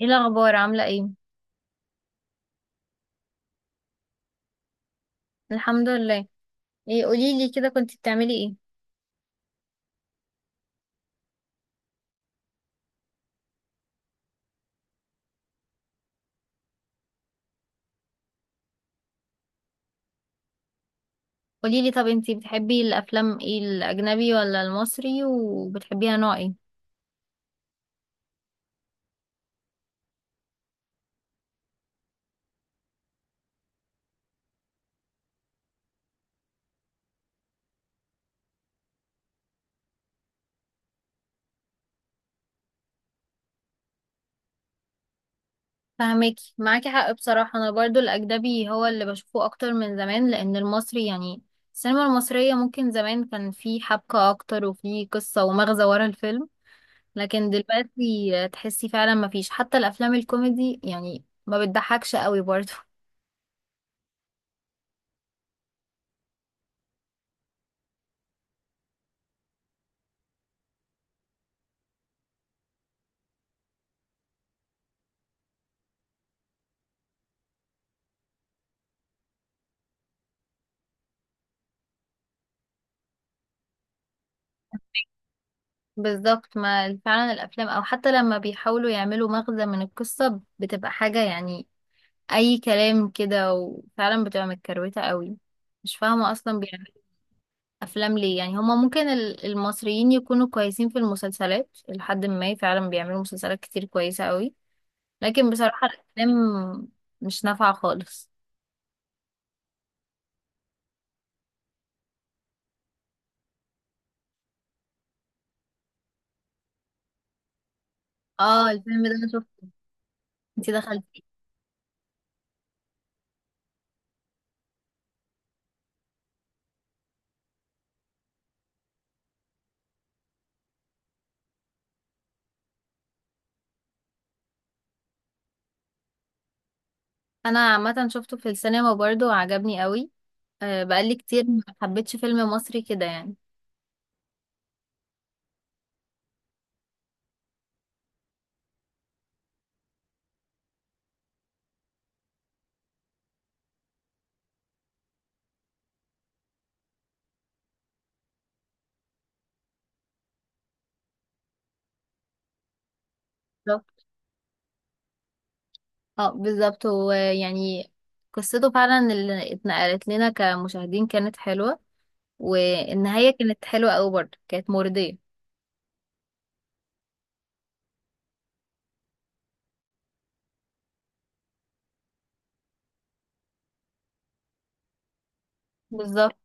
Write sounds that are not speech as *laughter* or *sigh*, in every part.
ايه الاخبار، عامله ايه؟ الحمد لله. ايه، قولي لي كده، كنت بتعملي ايه؟ قولي لي، طب انتي بتحبي الافلام ايه؟ الاجنبي ولا المصري؟ وبتحبيها نوع ايه؟ فهماكي، معاكي حق بصراحه، انا برضو الاجنبي هو اللي بشوفه اكتر من زمان، لان المصري يعني السينما المصريه ممكن زمان كان في حبكه اكتر وفي قصه ومغزى ورا الفيلم، لكن دلوقتي تحسي فعلا مفيش، حتى الافلام الكوميدي يعني ما بتضحكش قوي برضو. بالظبط، ما فعلا الافلام او حتى لما بيحاولوا يعملوا مغزى من القصة بتبقى حاجة يعني اي كلام كده، وفعلا بتبقى متكروتة قوي. مش فاهمة اصلا بيعملوا افلام ليه، يعني هما ممكن المصريين يكونوا كويسين في المسلسلات، لحد ما فعلا بيعملوا مسلسلات كتير كويسة قوي، لكن بصراحة الافلام مش نافعة خالص. اه، الفيلم ده انا شفته. انتي دخلتيه؟ انا عامة شفته في السينما برضه وعجبني قوي. آه، بقالي كتير ما حبيتش فيلم مصري كده يعني. اه، بالظبط، هو يعني قصته فعلا اللي اتنقلت لنا كمشاهدين كانت حلوة، والنهاية كانت حلوة أوي، برضه كانت مرضية. بالظبط،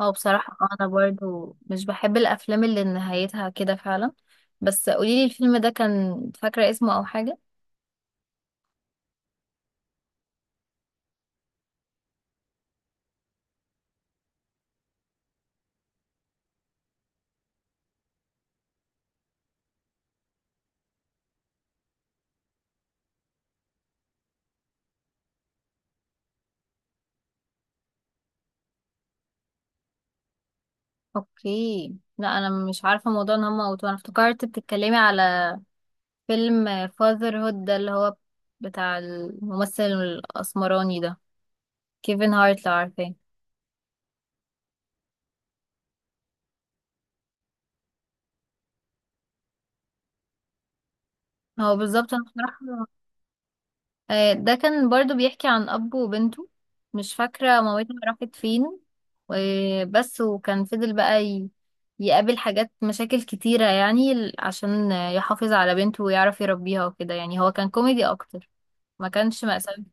هو بصراحة أنا برضه مش بحب الأفلام اللي نهايتها كده فعلا. بس قوليلي الفيلم ده، كان فاكرة اسمه أو حاجة؟ اوكي. لا، أنا مش عارفة موضوع إن هما قلتوه، أنا افتكرت بتتكلمي على فيلم فاذر هود ده اللي هو بتاع الممثل الأسمراني ده، كيفن هارت، لو عارفاه. هو بالظبط انا بصراحة. آه، ده كان برضو بيحكي عن أب وبنته، مش فاكرة مامتها راحت فين. بس وكان فضل بقى يقابل حاجات مشاكل كتيرة، يعني عشان يحافظ على بنته ويعرف يربيها وكده، يعني هو كان كوميدي أكتر، ما كانش مأساوي.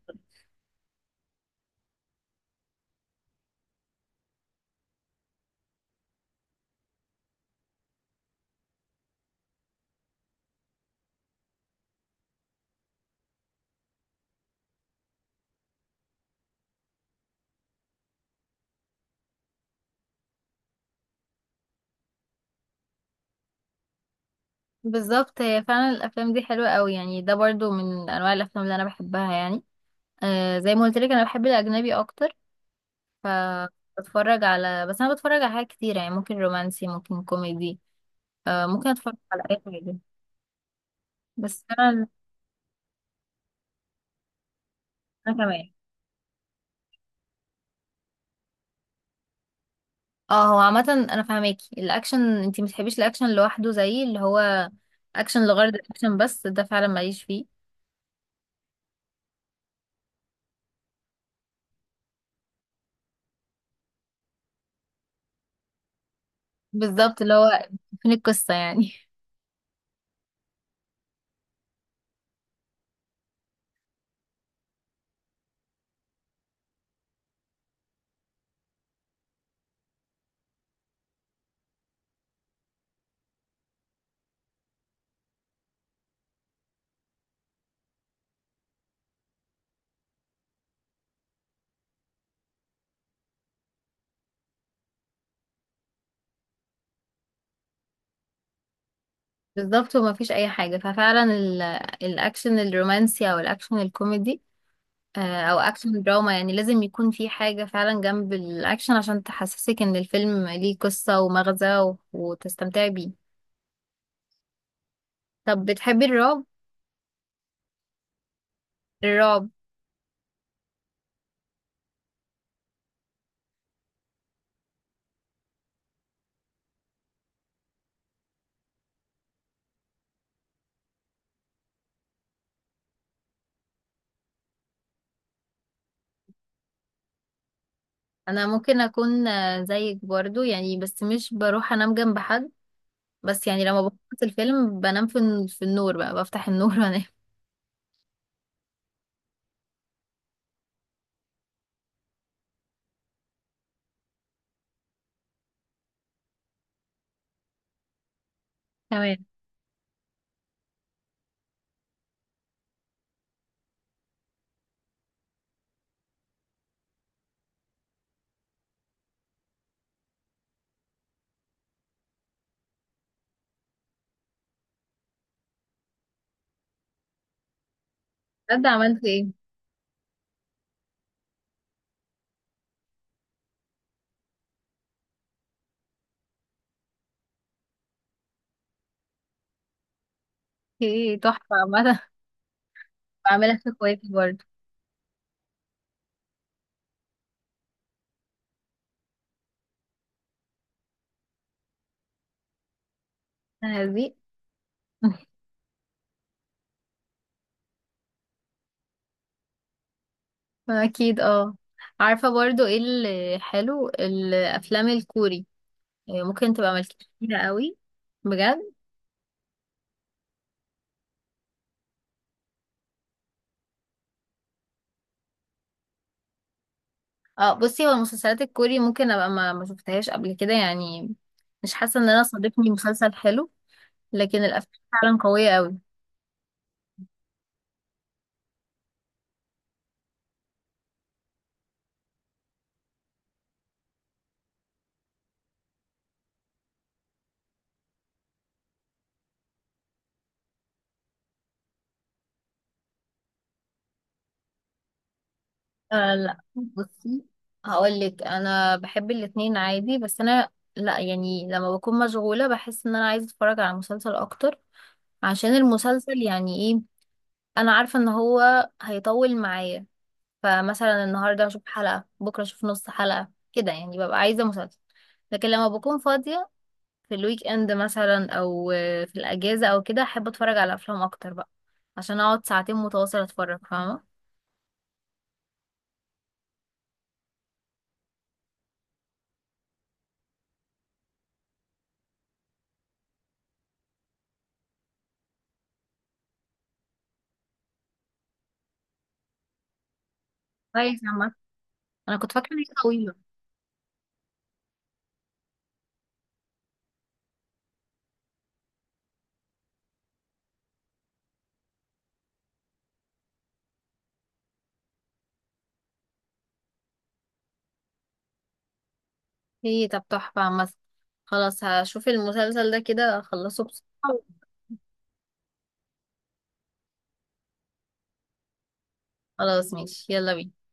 بالظبط، هي فعلا الأفلام دي حلوة قوي، يعني ده برضو من أنواع الأفلام اللي أنا بحبها يعني. آه، زي ما قلت لك أنا بحب الأجنبي أكتر. ف بتفرج على بس أنا بتفرج على حاجات كتيرة، يعني ممكن رومانسي ممكن كوميدي. آه، ممكن أتفرج على أي حاجة. بس انا. انا كمان. اه، هو عامه، انا فاهماكي الاكشن، انتي متحبيش الاكشن لوحده، زي اللي هو اكشن لغرض الاكشن بس، ده فعلا ماليش فيه. بالظبط، اللي هو، فين القصه يعني؟ *laughs* بالظبط، وما فيش اي حاجه، ففعلا الاكشن الرومانسي او الاكشن الكوميدي. آه، او اكشن دراما، يعني لازم يكون في حاجه فعلا جنب الاكشن عشان تحسسك ان الفيلم ليه قصه ومغزى، وتستمتعي بيه. طب بتحبي الرعب؟ الرعب؟ انا ممكن اكون آه، زيك برضو يعني، بس مش بروح انام جنب حد. بس يعني لما بخلص الفيلم بنام في في النور بقى، بفتح النور *laughs* وانام. تمام. بجد؟ عملت ايه؟ ايه، تحفة عامة. *laughs* بعملها في اخواتي برضو. هذه. *laughs* اكيد اه. عارفة برضو ايه اللي حلو؟ الافلام الكوري. إيه، ممكن تبقى ملكتش كتيرة قوي. بجد. اه، بصي هو المسلسلات الكوري ممكن ابقى ما شفتهاش قبل كده يعني، مش حاسة ان انا صادفني مسلسل حلو، لكن الافلام فعلا قوية قوي. آه، لا، بصي، هقول لك انا بحب الاتنين عادي. بس انا. لا يعني لما بكون مشغولة بحس ان انا عايزة اتفرج على مسلسل اكتر، عشان المسلسل يعني ايه، انا عارفة ان هو هيطول معايا. فمثلا النهاردة هشوف حلقة، بكرة اشوف نص حلقة كده، يعني ببقى عايزة مسلسل. لكن لما بكون فاضية في الويك اند مثلا، او آه، في الاجازة او كده، احب اتفرج على افلام اكتر بقى، عشان اقعد ساعتين متواصل اتفرج، فاهمة؟ كويس عامة. انا كنت فاكرة ان هي طويلة. هي طب، تحفة عامة. خلاص هشوف المسلسل ده كده، اخلصه بس. خلاص، ماشي، يلا بينا.